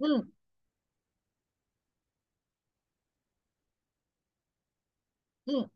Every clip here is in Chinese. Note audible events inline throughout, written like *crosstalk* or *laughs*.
嗯。嗯。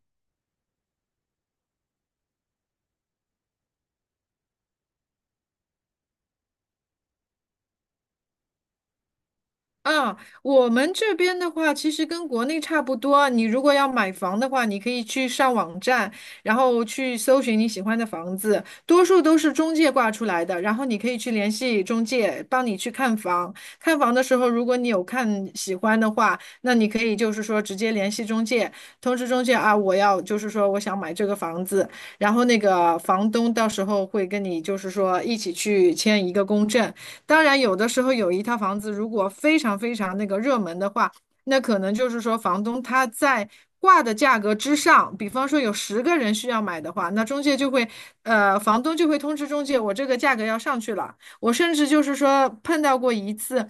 啊，我们这边的话，其实跟国内差不多。你如果要买房的话，你可以去上网站，然后去搜寻你喜欢的房子，多数都是中介挂出来的。然后你可以去联系中介，帮你去看房。看房的时候，如果你有看喜欢的话，那你可以就是说直接联系中介，通知中介啊，我要就是说我想买这个房子，然后那个房东到时候会跟你就是说一起去签一个公证。当然，有的时候有一套房子如果非常非常那个热门的话，那可能就是说房东他在挂的价格之上，比方说有十个人需要买的话，那中介就会，房东就会通知中介，我这个价格要上去了。我甚至就是说碰到过一次，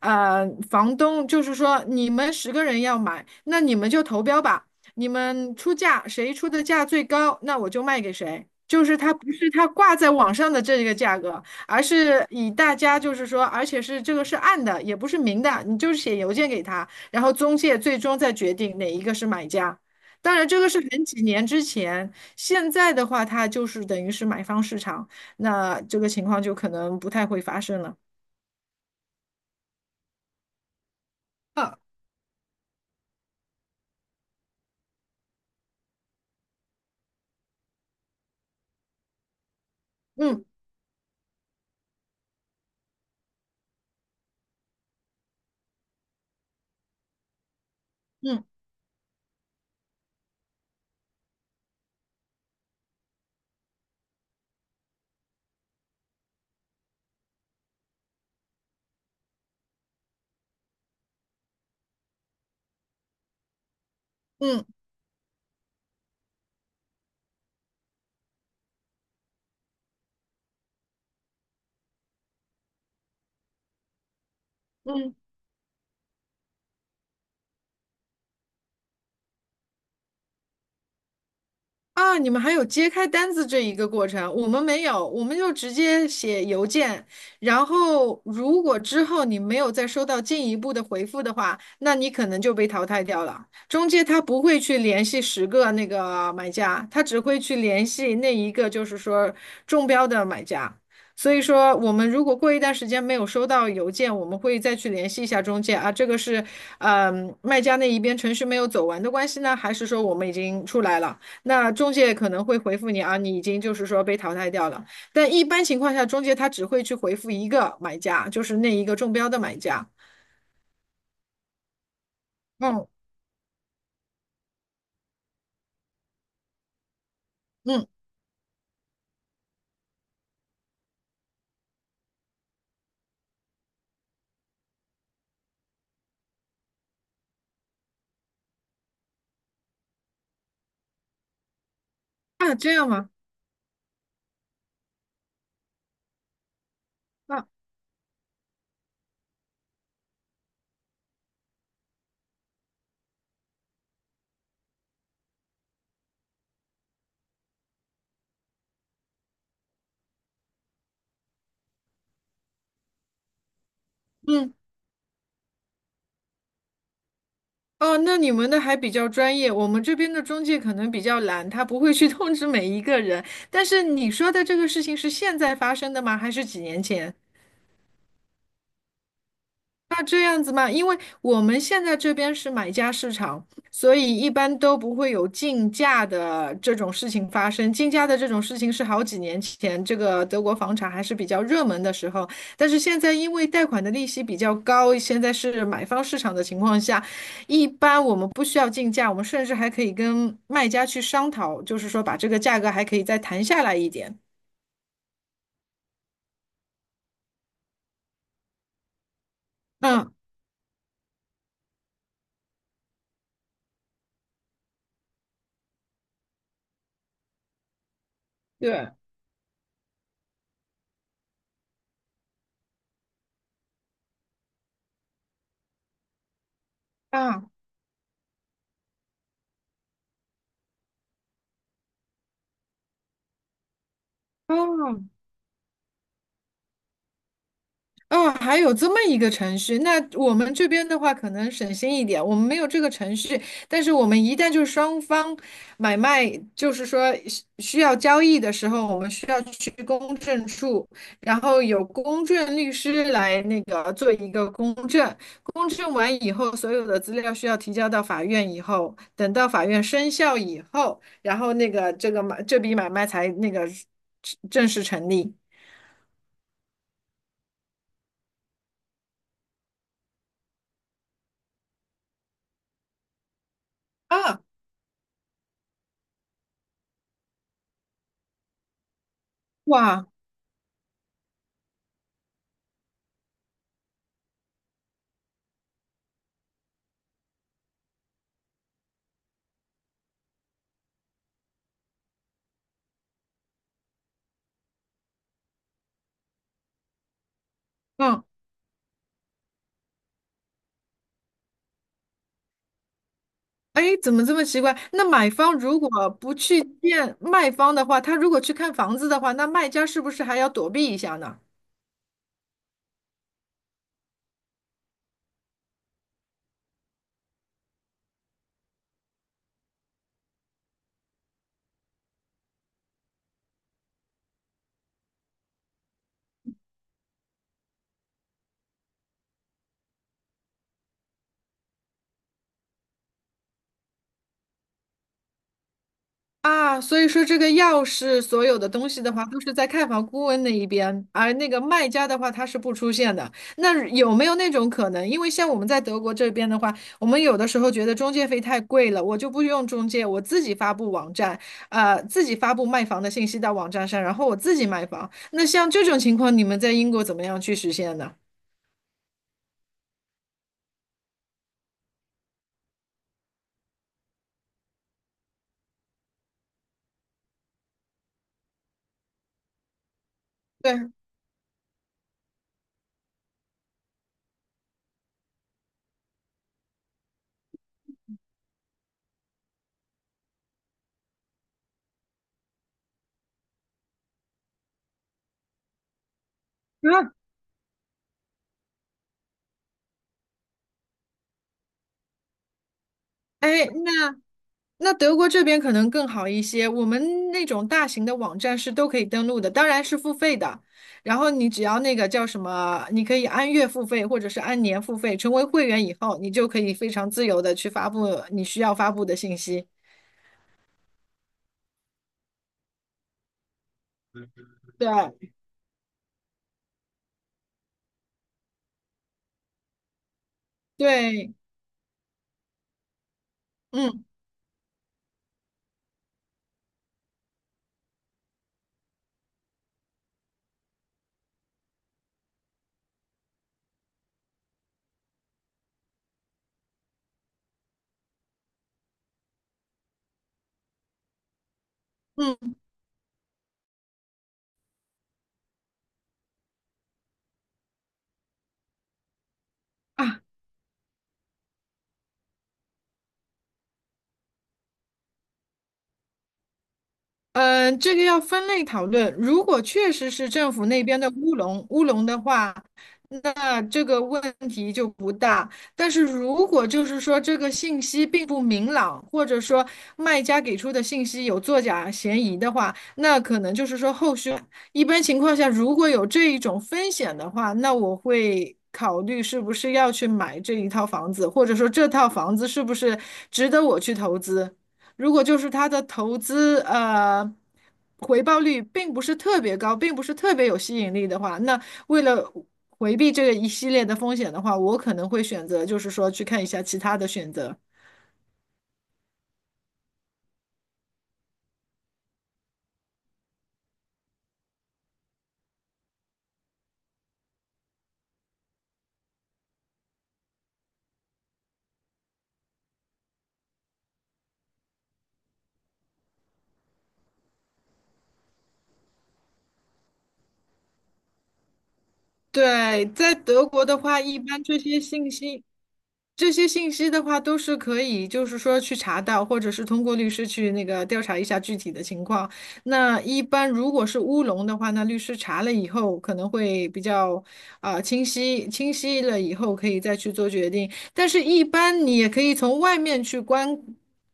房东就是说你们十个人要买，那你们就投标吧。你们出价，谁出的价最高，那我就卖给谁。就是他不是他挂在网上的这个价格，而是以大家就是说，而且是这个是暗的，也不是明的，你就是写邮件给他，然后中介最终再决定哪一个是买家。当然，这个是很几年之前，现在的话，它就是等于是买方市场，那这个情况就可能不太会发生了。啊。嗯，嗯，嗯，嗯。啊，你们还有揭开单子这一个过程，我们没有，我们就直接写邮件。然后，如果之后你没有再收到进一步的回复的话，那你可能就被淘汰掉了。中介他不会去联系十个那个买家，他只会去联系那一个就是说中标的买家。所以说，我们如果过一段时间没有收到邮件，我们会再去联系一下中介啊，这个是，卖家那一边程序没有走完的关系呢，还是说我们已经出来了？那中介可能会回复你啊，你已经就是说被淘汰掉了。但一般情况下，中介他只会去回复一个买家，就是那一个中标的买家。嗯。嗯。啊，这样吗？啊。嗯。哦，那你们的还比较专业，我们这边的中介可能比较懒，他不会去 *laughs* 通知每一个人。但是你说的这个事情是现在发生的吗？还是几年前？那这样子吗？因为我们现在这边是买家市场，所以一般都不会有竞价的这种事情发生。竞价的这种事情是好几年前这个德国房产还是比较热门的时候，但是现在因为贷款的利息比较高，现在是买方市场的情况下，一般我们不需要竞价，我们甚至还可以跟卖家去商讨，就是说把这个价格还可以再谈下来一点。嗯。对。啊。哦。哦，还有这么一个程序，那我们这边的话可能省心一点，我们没有这个程序，但是我们一旦就是双方买卖，就是说需要交易的时候，我们需要去公证处，然后有公证律师来那个做一个公证，公证完以后，所有的资料需要提交到法院以后，等到法院生效以后，然后那个这个买这笔买卖才那个正式成立。啊。哇。嗯。哎，怎么这么奇怪？那买方如果不去见卖方的话，他如果去看房子的话，那卖家是不是还要躲避一下呢？啊，所以说这个钥匙所有的东西的话，都是在看房顾问那一边，而那个卖家的话，他是不出现的。那有没有那种可能？因为像我们在德国这边的话，我们有的时候觉得中介费太贵了，我就不用中介，我自己发布网站，自己发布卖房的信息到网站上，然后我自己卖房。那像这种情况，你们在英国怎么样去实现呢？对。啊。哎，那那德国这边可能更好一些。我们那种大型的网站是都可以登录的，当然是付费的。然后你只要那个叫什么，你可以按月付费或者是按年付费。成为会员以后，你就可以非常自由的去发布你需要发布的信息。对，对。嗯，嗯。啊。嗯，这个要分类讨论。如果确实是政府那边的乌龙，乌龙的话，那这个问题就不大。但是如果就是说这个信息并不明朗，或者说卖家给出的信息有作假嫌疑的话，那可能就是说后续一般情况下，如果有这一种风险的话，那我会考虑是不是要去买这一套房子，或者说这套房子是不是值得我去投资。如果就是它的投资回报率并不是特别高，并不是特别有吸引力的话，那为了回避这个一系列的风险的话，我可能会选择就是说去看一下其他的选择。对，在德国的话，一般这些信息的话，都是可以，就是说去查到，或者是通过律师去那个调查一下具体的情况。那一般如果是乌龙的话，那律师查了以后可能会比较啊、清晰了以后可以再去做决定。但是，一般你也可以从外面去观。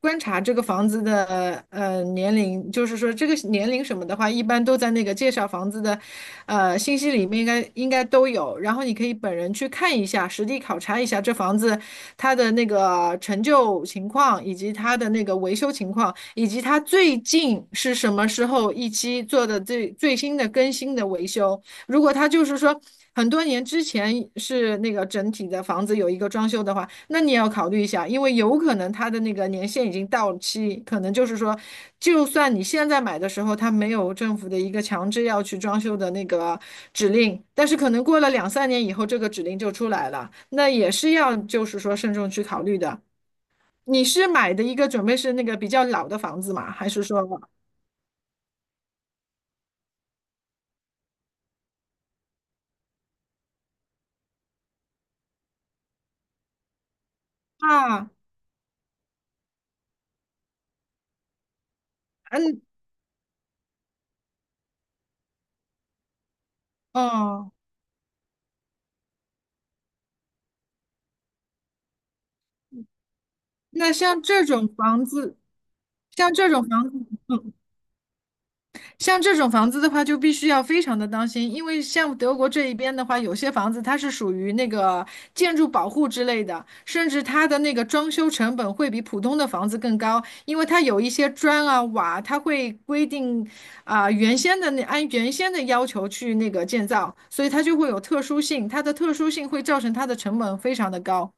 观察这个房子的年龄，就是说这个年龄什么的话，一般都在那个介绍房子的信息里面应该都有。然后你可以本人去看一下，实地考察一下这房子它的那个陈旧情况，以及它的那个维修情况，以及它最近是什么时候一期做的最最新的更新的维修。如果他就是说很多年之前是那个整体的房子有一个装修的话，那你也要考虑一下，因为有可能他的那个年限已经到期，可能就是说，就算你现在买的时候他没有政府的一个强制要去装修的那个指令，但是可能过了两三年以后这个指令就出来了，那也是要就是说慎重去考虑的。你是买的一个准备是那个比较老的房子吗？还是说？啊。嗯。哦。那像这种房子？像这种房子，像这种房子的话，就必须要非常的当心，因为像德国这一边的话，有些房子它是属于那个建筑保护之类的，甚至它的那个装修成本会比普通的房子更高，因为它有一些砖啊瓦，它会规定啊、原先的那按原先的要求去那个建造，所以它就会有特殊性，它的特殊性会造成它的成本非常的高。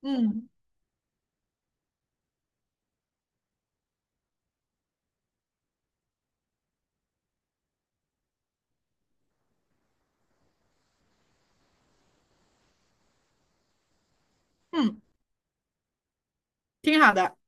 嗯，挺好的。